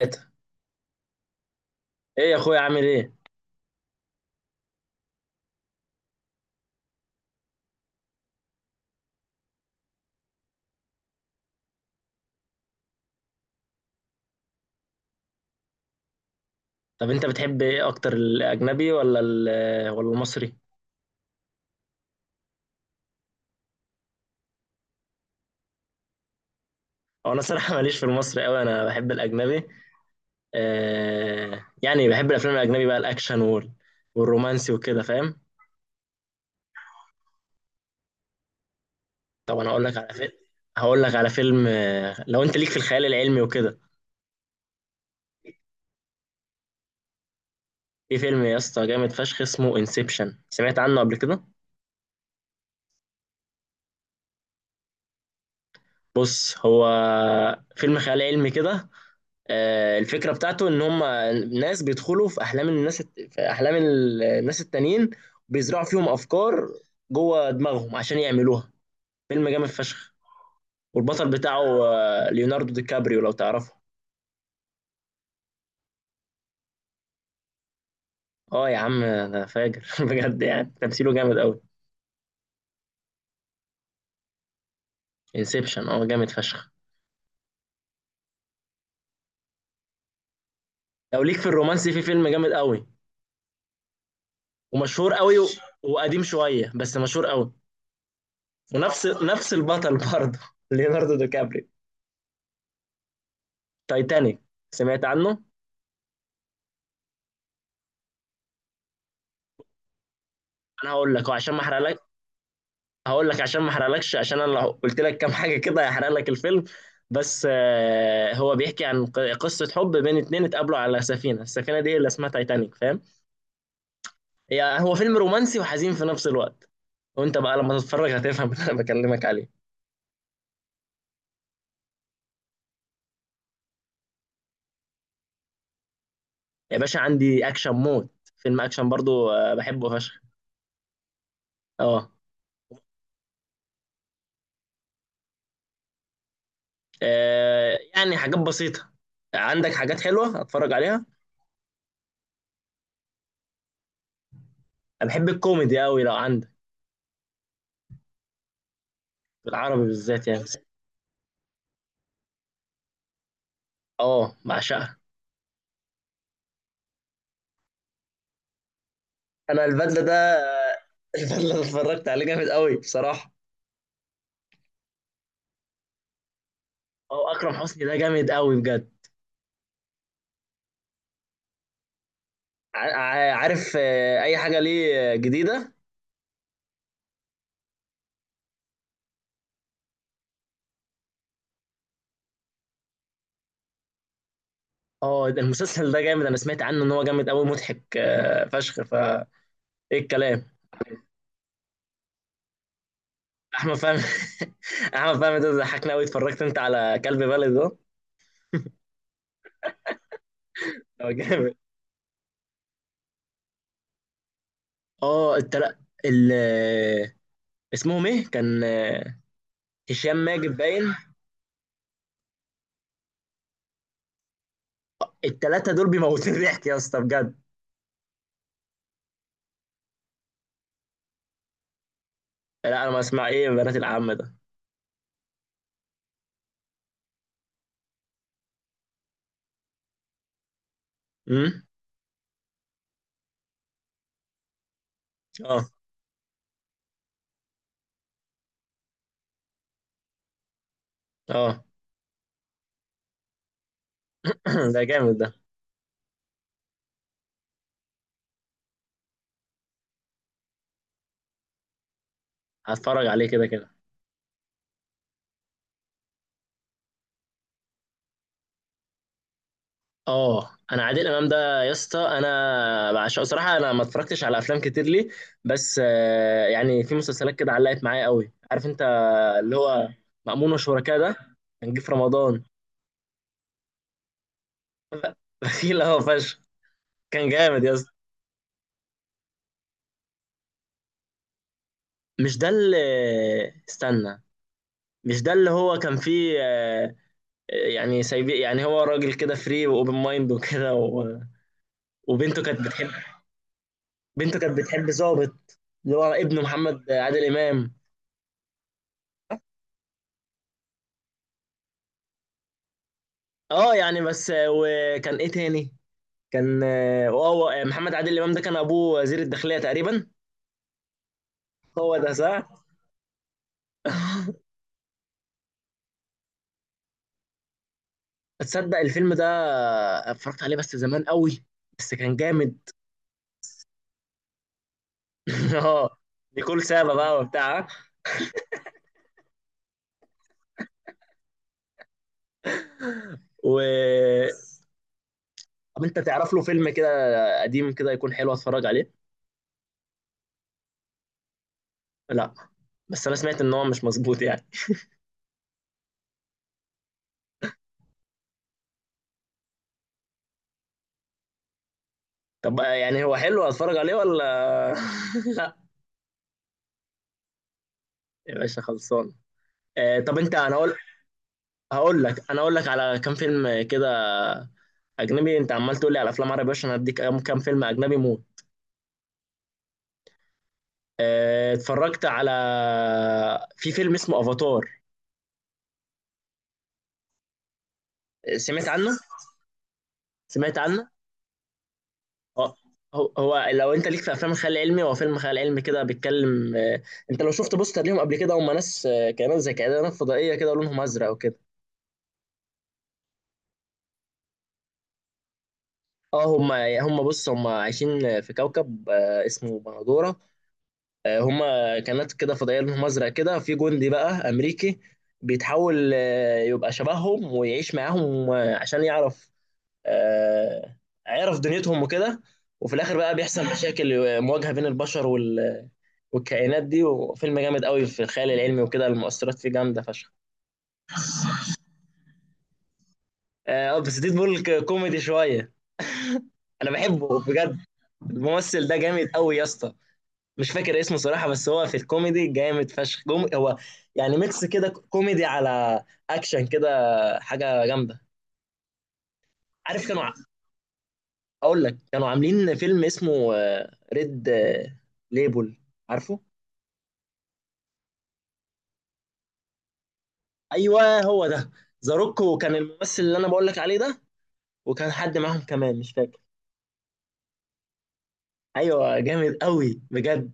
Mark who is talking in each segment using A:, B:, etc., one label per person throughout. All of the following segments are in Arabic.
A: ثلاثة. ايه يا اخويا، عامل ايه؟ طب انت بتحب ايه اكتر، الاجنبي ولا المصري؟ هو انا الصراحه ماليش في المصري قوي، انا بحب الاجنبي. آه يعني بحب الافلام الاجنبي بقى، الاكشن والرومانسي وكده، فاهم؟ طب انا هقول لك على فيلم. لو انت ليك في الخيال العلمي وكده، في فيلم يا اسطى جامد فشخ اسمه انسبشن، سمعت عنه قبل كده؟ بص، هو فيلم خيال علمي كده. الفكرة بتاعته إن هم ناس بيدخلوا في أحلام الناس، في أحلام الناس التانيين، بيزرعوا فيهم أفكار جوه دماغهم عشان يعملوها. فيلم جامد فشخ. والبطل بتاعه ليوناردو دي كابريو، لو تعرفه. اه يا عم انا فاجر بجد، يعني تمثيله جامد قوي. انسبشن، اه جامد فشخ. لو ليك في الرومانسي، في فيلم جامد قوي ومشهور قوي وقديم شوية بس مشهور قوي. ونفس نفس البطل برضه ليوناردو دي كابريو. تايتانيك، سمعت عنه. انا هقول لك عشان ما احرقلكش. هقول لك عشان ما احرقلكش، عشان انا لو قلت لك كام حاجه كده هيحرق لك الفيلم. بس هو بيحكي عن قصه حب بين اتنين اتقابلوا على السفينه دي اللي اسمها تايتانيك، فاهم؟ هو فيلم رومانسي وحزين في نفس الوقت. وانت بقى لما تتفرج هتفهم اللي انا بكلمك عليه. يا باشا عندي اكشن موت. فيلم اكشن برضو، بحبه فشخ. اه. يعني حاجات بسيطه، عندك حاجات حلوه اتفرج عليها. انا بحب الكوميدي قوي لو عندك. بالعربي بالذات يعني. اه بعشقها. انا البدله ده، البدله اللي اتفرجت عليه جامد قوي بصراحه. هو اكرم حسني ده جامد قوي بجد. عارف اي حاجه ليه جديده؟ اه ده المسلسل ده جامد، انا سمعت عنه ان هو جامد قوي، مضحك فشخ، ايه الكلام. احمد فهمي. احمد فهمي ده ضحكنا قوي. اتفرجت انت على كلب بلد ده؟ هو جامد. اه، التل... ال اسمهم ايه كان؟ هشام ماجد باين. التلاتة دول بيموتوا ضحك يا اسطى بجد. لا انا ما اسمع، ايه بنات العم ده؟ امم. اه، اه. ده جامد ده. هتفرج عليه كده كده. اه انا عادل امام ده يا اسطى انا بعشقه صراحه، انا ما اتفرجتش على افلام كتير ليه، بس يعني في مسلسلات كده علقت معايا قوي، عارف انت. اللي هو مأمون وشركاه ده، كان جه في رمضان. بخيل اهو فشخ، كان جامد يا اسطى. مش ده اللي استنى مش ده اللي هو كان فيه، يعني سايب، يعني هو راجل كده فري واوبن مايند وكده وبنته كانت بتحب، بنته كانت بتحب ظابط، اللي هو ابن محمد عادل امام. اه يعني بس، وكان ايه تاني؟ كان اه هو محمد عادل امام ده كان ابوه وزير الداخليه تقريبا. هو ده صح. تصدق الفيلم ده اتفرجت عليه بس زمان قوي، بس كان جامد. اه، نيكول سابا بقى وبتاع و طب انت تعرف له فيلم كده قديم كده يكون حلو اتفرج عليه؟ لا، بس انا سمعت ان هو مش مظبوط يعني. طب يعني هو حلو اتفرج عليه ولا لا؟ يا باشا خلصان. آه، طب انت انا هقول هقول لك انا هقول لك على كام فيلم كده اجنبي. انت عمال تقول لي على افلام عربي، عشان اديك كام فيلم اجنبي موت. آه، اتفرجت على في فيلم اسمه افاتار، سمعت عنه. سمعت عنه. اه هو لو انت ليك في افلام الخيال العلمي، هو فيلم خيال علمي كده بيتكلم. انت لو شفت بوستر ليهم قبل كده، هم ناس، كائنات زي كائنات فضائيه كده، لونهم ازرق وكده. اه هم هم بص، هم عايشين في كوكب اسمه بندوره. هما كانت كده فضائيه لهم ازرق كده. في جندي بقى امريكي بيتحول يبقى شبههم ويعيش معاهم، عشان يعرف، آه، يعرف دنيتهم وكده. وفي الاخر بقى بيحصل مشاكل، مواجهه بين البشر والكائنات دي. وفيلم جامد قوي في الخيال العلمي وكده، المؤثرات فيه جامده فشخ. اه بس ديد بول كوميدي شويه، انا بحبه بجد. الممثل ده جامد قوي يا اسطى، مش فاكر اسمه صراحة، بس هو في الكوميدي جامد فشخ، هو يعني ميكس كده، كوميدي على اكشن كده، حاجة جامدة. عارف كانوا، اقول لك كانوا عاملين فيلم اسمه ريد ليبل، عارفه؟ ايوه هو ده، زاروك، وكان الممثل اللي انا بقول لك عليه ده، وكان حد معاهم كمان مش فاكر. ايوه جامد قوي بجد.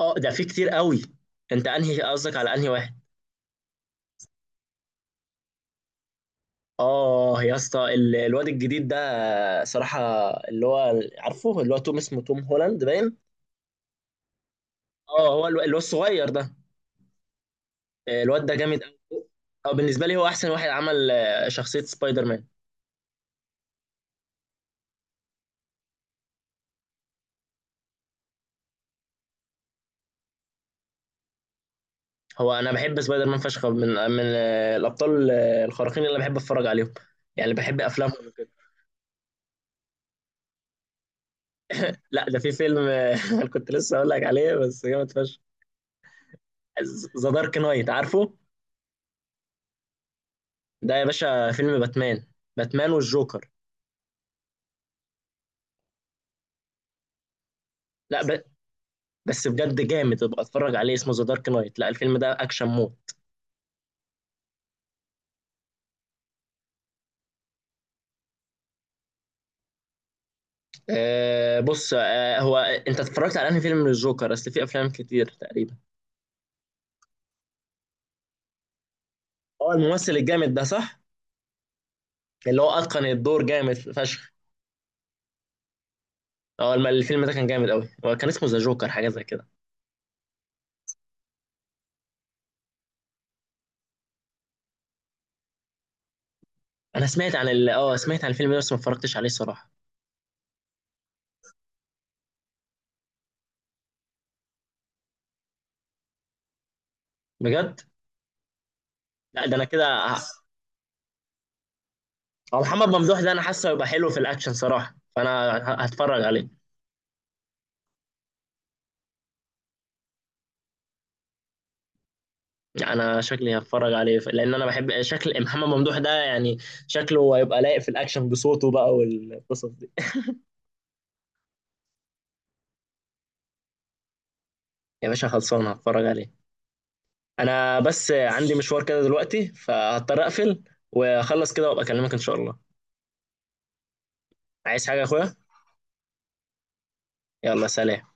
A: اه ده في كتير قوي، انت انهي قصدك، على انهي واحد؟ اه يا اسطى الواد الجديد ده صراحة، اللي هو عارفه، اللي هو توم، اسمه توم هولاند باين. اه هو اللي هو الصغير ده. الواد ده جامد قوي. اه بالنسبة لي هو احسن واحد عمل شخصية سبايدر مان. هو انا بحب سبايدر مان فشخ، من الابطال الخارقين اللي بحب اتفرج عليهم، يعني بحب افلامهم وكده. لا ده في فيلم، انا كنت لسه اقول لك عليه بس جامد فشخ. ذا دارك نايت، عارفه؟ ده يا باشا فيلم باتمان، باتمان والجوكر. لا ب... بس بجد جامد، ابقى اتفرج عليه، اسمه ذا دارك نايت، لا الفيلم ده اكشن مود. أه بص، هو انت اتفرجت على انهي فيلم للجوكر؟ اصل في افلام كتير تقريبا. هو الممثل الجامد ده صح، اللي هو اتقن الدور جامد فشخ. اه الفيلم ده كان جامد قوي، هو كان اسمه ذا جوكر حاجه زي كده. انا سمعت عن اه سمعت عن الفيلم ده بس ما اتفرجتش عليه صراحه. بجد. لا ده انا كده، هو محمد ممدوح ده انا حاسه هيبقى حلو في الاكشن صراحه، فانا هتفرج عليه. يعني انا شكلي هتفرج عليه، لان انا بحب شكل محمد ممدوح ده يعني، شكله هيبقى لايق في الاكشن بصوته بقى والقصص دي. يا باشا خلصان هتفرج عليه. انا بس عندي مشوار كده دلوقتي فهضطر اقفل، واخلص كده وابقى اكلمك ان شاء الله. عايز حاجة يا اخويا؟ يلا سلام.